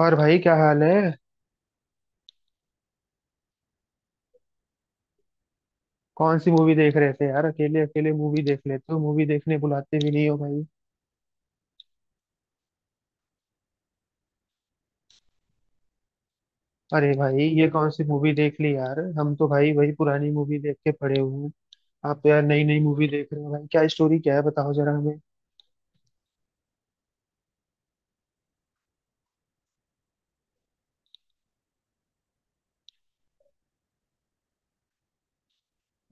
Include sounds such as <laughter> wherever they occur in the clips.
और भाई क्या हाल है। कौन सी मूवी देख रहे थे यार? अकेले अकेले मूवी देख लेते हो, मूवी देखने बुलाते भी नहीं हो भाई। अरे भाई, ये कौन सी मूवी देख ली यार? हम तो भाई वही पुरानी मूवी देख के पड़े हुए हैं। आप तो यार नई नई मूवी देख रहे हो भाई। क्या स्टोरी क्या है, बताओ जरा हमें।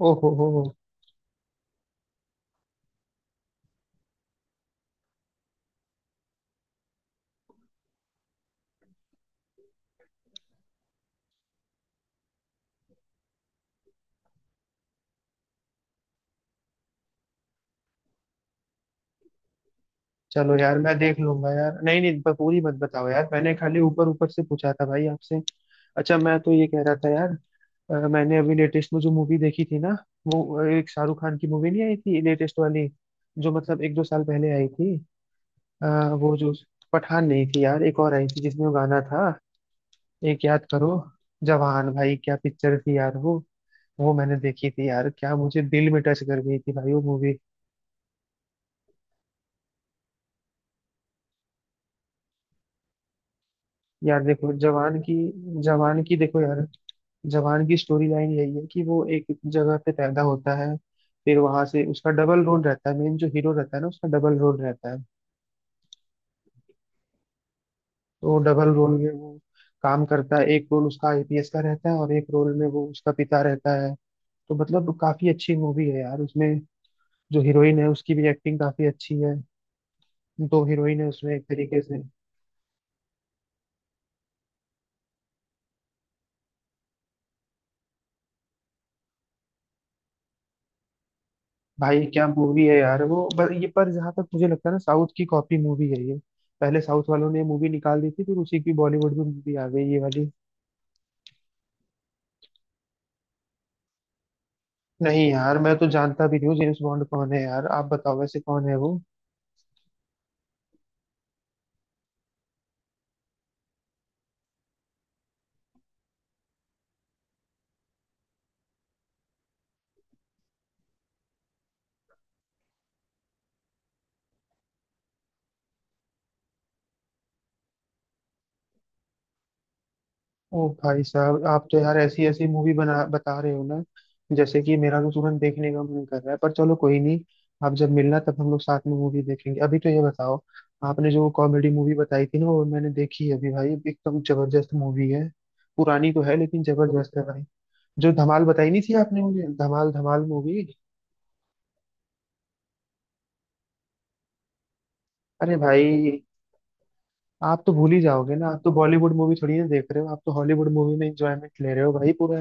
ओहो हो, चलो यार मैं देख लूंगा यार। नहीं नहीं, पूरी मत बताओ यार, मैंने खाली ऊपर ऊपर से पूछा था भाई आपसे। अच्छा, मैं तो ये कह रहा था यार, मैंने अभी लेटेस्ट में जो मूवी देखी थी ना, वो एक शाहरुख खान की मूवी नहीं आई थी लेटेस्ट वाली, जो मतलब एक दो साल पहले आई थी। अ, वो जो पठान नहीं थी यार, एक और आई थी जिसमें वो गाना था। एक याद करो, जवान। भाई क्या पिक्चर थी यार वो। वो मैंने देखी थी यार, क्या मुझे दिल में टच कर गई थी भाई वो मूवी। यार देखो जवान की, जवान की देखो यार। जवान की स्टोरी लाइन यही है कि वो एक जगह पे पैदा होता है, फिर वहां से उसका डबल रोल रहता है। मेन जो हीरो रहता है ना, उसका डबल रोल रहता है। तो डबल रोल में वो काम करता है। एक रोल उसका आईपीएस का रहता है और एक रोल में वो उसका पिता रहता है। तो मतलब काफी अच्छी मूवी है यार उसमें। जो हीरोइन है उसकी भी एक्टिंग काफी अच्छी है। दो हीरोइन है उसमें एक तरीके से। भाई क्या मूवी है यार वो, पर ये पर जहाँ तक मुझे लगता है ना, साउथ की कॉपी मूवी है ये। पहले साउथ वालों ने मूवी निकाल दी थी, फिर उसी की बॉलीवुड में मूवी आ गई ये वाली। नहीं यार, मैं तो जानता भी नहीं हूँ जेम्स बॉन्ड कौन है यार। आप बताओ वैसे कौन है वो। ओ भाई साहब, आप तो यार ऐसी ऐसी मूवी बना बता रहे हो ना, जैसे कि मेरा तो तुरंत देखने का मन कर रहा है। पर चलो कोई नहीं, आप जब मिलना तब हम लोग साथ में मूवी देखेंगे। अभी तो ये बताओ, आपने जो कॉमेडी मूवी बताई थी ना, वो मैंने देखी है अभी भाई। एकदम जबरदस्त मूवी है। पुरानी तो है लेकिन जबरदस्त है भाई। जो धमाल बताई नहीं थी आपने मुझे, धमाल धमाल मूवी। अरे भाई, आप तो भूल ही जाओगे ना, आप तो बॉलीवुड मूवी थोड़ी ना देख रहे हो। आप तो हॉलीवुड मूवी में एंजॉयमेंट ले रहे हो भाई पूरा।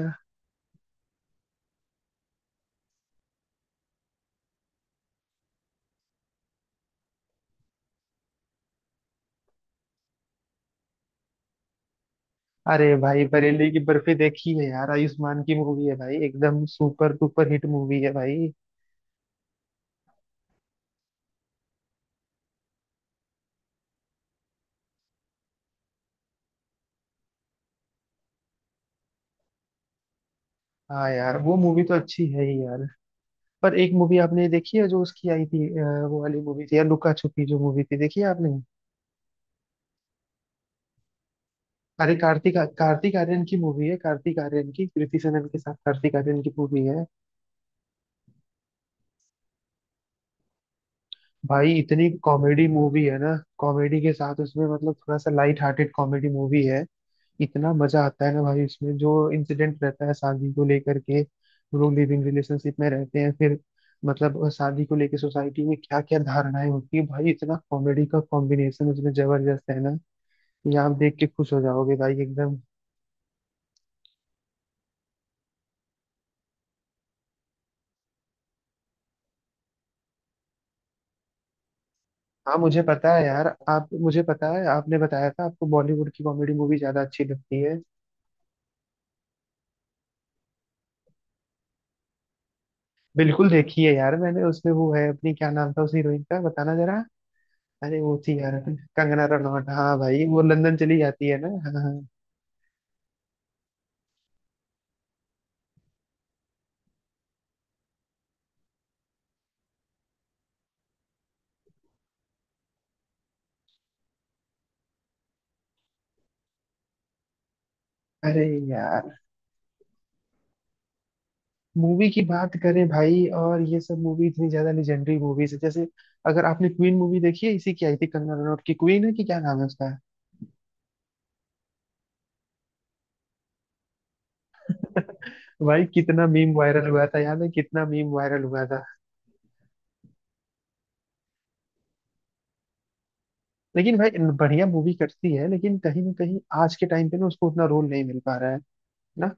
अरे भाई, बरेली की बर्फी देखी है यार, आयुष्मान की मूवी है भाई, एकदम सुपर डुपर हिट मूवी है भाई। हाँ यार, वो मूवी तो अच्छी है ही यार। पर एक मूवी आपने ये देखी है जो उसकी आई थी, वो वाली मूवी थी यार, लुका छुपी जो मूवी थी, देखी है आपने? अरे, कार्तिक कार्तिक आर्यन की मूवी है, कार्तिक आर्यन की, कृति सेनन के साथ कार्तिक आर्यन की मूवी है। भाई इतनी कॉमेडी मूवी है ना। कॉमेडी के साथ उसमें मतलब थोड़ा सा लाइट हार्टेड कॉमेडी मूवी है। इतना मजा आता है ना भाई उसमें। जो इंसिडेंट रहता है शादी को लेकर के, वो लोग लिविंग रिलेशनशिप में रहते हैं, फिर मतलब शादी को लेकर सोसाइटी में क्या क्या धारणाएं होती है भाई, इतना कॉमेडी का कॉम्बिनेशन उसमें जबरदस्त है ना, कि आप देख के खुश हो जाओगे भाई एकदम। हाँ मुझे पता है यार, आप मुझे पता है आपने बताया था, आपको बॉलीवुड की कॉमेडी मूवी ज्यादा अच्छी लगती है। बिल्कुल देखी है यार मैंने। उसमें वो है अपनी, क्या नाम था उस हीरोइन का, बताना जरा। अरे वो थी यार, कंगना रनौत। हाँ भाई, वो लंदन चली जाती है ना। हाँ हाँ। अरे यार, मूवी की बात करें भाई, और ये सब मूवी इतनी ज्यादा लेजेंडरी मूवीज है। जैसे अगर आपने क्वीन मूवी देखी है, इसी की आई थी कंगना रनौत की, क्वीन है कि क्या नाम है उसका। <laughs> भाई कितना मीम वायरल हुआ था, याद है, कितना मीम वायरल हुआ था। लेकिन भाई, बढ़िया मूवी करती है, लेकिन कहीं ना कहीं आज के टाइम पे ना, उसको उतना रोल नहीं मिल पा रहा है ना।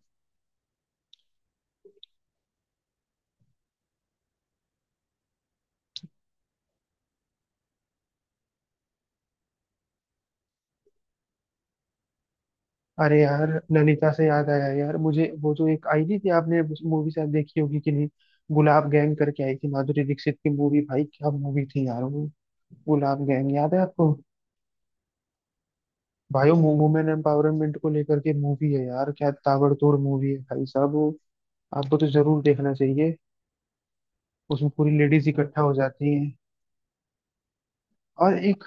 अरे यार, नैनीताल से याद आया यार मुझे, वो जो एक आई नहीं थी, आपने मूवी शायद देखी होगी कि नहीं, गुलाब गैंग करके आई थी, माधुरी दीक्षित की मूवी, भाई क्या मूवी थी यार वो। गुलाब गैंग, याद है आपको? भाई वो वुमेन एम्पावरमेंट को लेकर के मूवी है यार, क्या ताबड़तोड़ मूवी है भाई साहब वो। आपको तो जरूर देखना चाहिए। उसमें पूरी लेडीज इकट्ठा हो जाती हैं। और एक,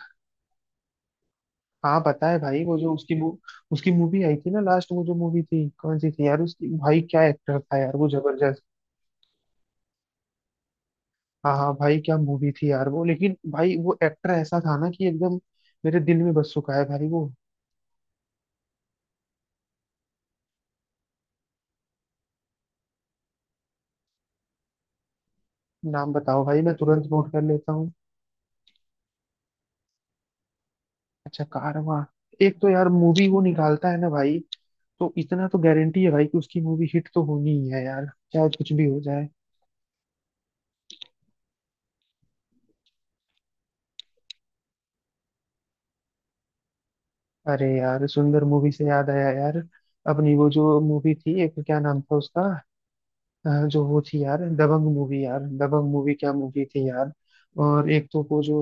हाँ पता है भाई, वो जो उसकी उसकी मूवी आई थी ना लास्ट, वो जो मूवी थी कौन सी थी यार उसकी, भाई क्या एक्टर था यार वो, जबरदस्त। हाँ हाँ भाई, क्या मूवी थी यार वो। लेकिन भाई, वो एक्टर ऐसा था ना कि एकदम मेरे दिल में बस चुका है भाई वो। नाम बताओ भाई, मैं तुरंत नोट कर लेता हूँ। अच्छा, कारवां। एक तो यार, मूवी वो निकालता है ना भाई, तो इतना तो गारंटी है भाई कि उसकी मूवी हिट तो होनी ही है यार, चाहे कुछ भी हो जाए। अरे यार, सुंदर मूवी से याद आया यार, अपनी वो जो मूवी थी, एक क्या नाम था उसका, जो वो थी यार, दबंग मूवी यार, दबंग मूवी क्या मूवी थी यार। और एक तो वो जो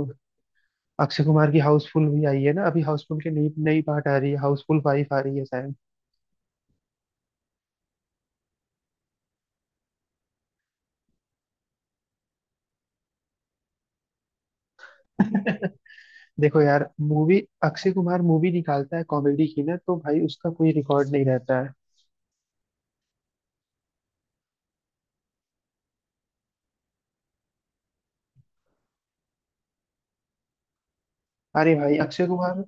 अक्षय कुमार की हाउसफुल भी आई है ना, अभी हाउसफुल के नई नई पार्ट आ रही है, हाउसफुल 5 आ रही है शायद। <laughs> देखो यार, मूवी अक्षय कुमार मूवी निकालता है कॉमेडी की ना, तो भाई उसका कोई रिकॉर्ड नहीं रहता है। अरे भाई अक्षय कुमार,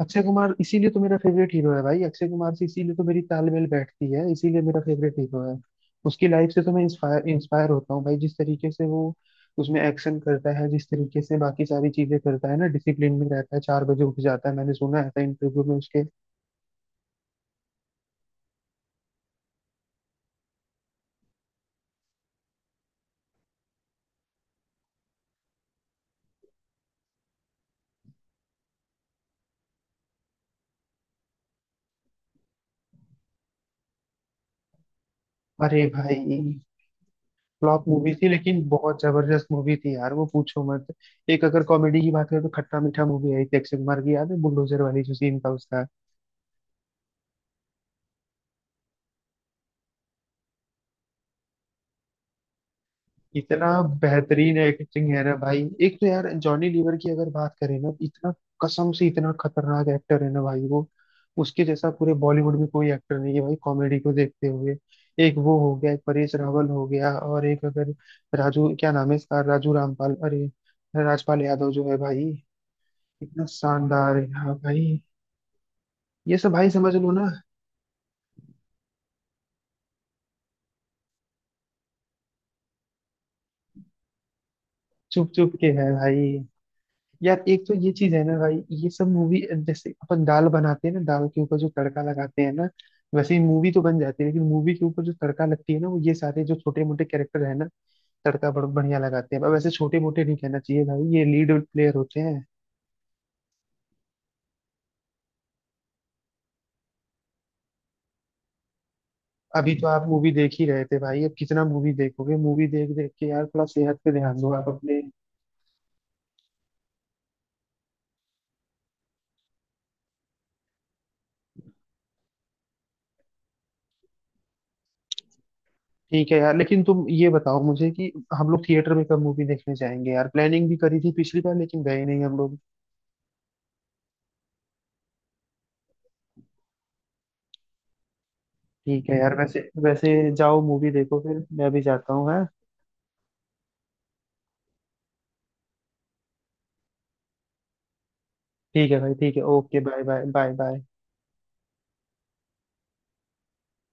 अक्षय कुमार इसीलिए तो मेरा फेवरेट हीरो है भाई। अक्षय कुमार से इसीलिए तो मेरी तालमेल बैठती है, इसीलिए मेरा फेवरेट हीरो है। उसकी लाइफ से तो मैं इंस्पायर इंस्पायर होता हूँ भाई, जिस तरीके से वो उसमें एक्शन करता है, जिस तरीके से बाकी सारी चीजें करता है ना, डिसिप्लिन में रहता है, 4 बजे उठ जाता है, मैंने सुना है इंटरव्यू में उसके। अरे भाई, फ्लॉप मूवी थी लेकिन बहुत जबरदस्त मूवी थी यार वो, पूछो मत। एक अगर कॉमेडी की बात करें तो खट्टा मीठा मूवी आई थी अक्षय कुमार की, याद है बुलडोजर वाली जो सीन था उसका। इतना बेहतरीन एक्टिंग है ना भाई। एक तो यार जॉनी लीवर की अगर बात करें ना, इतना कसम से इतना खतरनाक एक्टर है ना भाई वो। उसके जैसा पूरे बॉलीवुड में कोई एक्टर नहीं है भाई, कॉमेडी को देखते हुए। एक वो हो गया, एक परेश रावल हो गया, और एक अगर राजू, क्या नाम है इसका, राजू रामपाल, अरे राजपाल यादव जो है भाई, इतना शानदार है, हाँ भाई। ये सब भाई समझ लो ना। चुप चुप के है भाई। यार एक तो ये चीज है ना भाई, ये सब मूवी जैसे अपन दाल बनाते हैं ना, दाल के ऊपर जो तड़का लगाते हैं ना, वैसे ही मूवी तो बन जाती है, लेकिन मूवी के ऊपर जो तड़का लगती है ना, वो ये सारे जो छोटे मोटे कैरेक्टर है ना, तड़का बड़ बढ़िया लगाते हैं। अब वैसे छोटे मोटे नहीं कहना चाहिए भाई, ये लीड प्लेयर होते हैं। अभी तो आप मूवी देख ही रहे थे भाई, अब कितना मूवी देखोगे? मूवी देख देख के यार थोड़ा सेहत पे ध्यान दो आप अपने। ठीक है यार, लेकिन तुम ये बताओ मुझे कि हम लोग थिएटर में कब मूवी देखने जाएंगे यार? प्लानिंग भी करी थी पिछली बार लेकिन गए नहीं हम लोग। ठीक है यार, वैसे वैसे जाओ मूवी देखो, फिर मैं भी जाता हूँ, है। ठीक है भाई, ठीक है, okay, bye bye bye bye.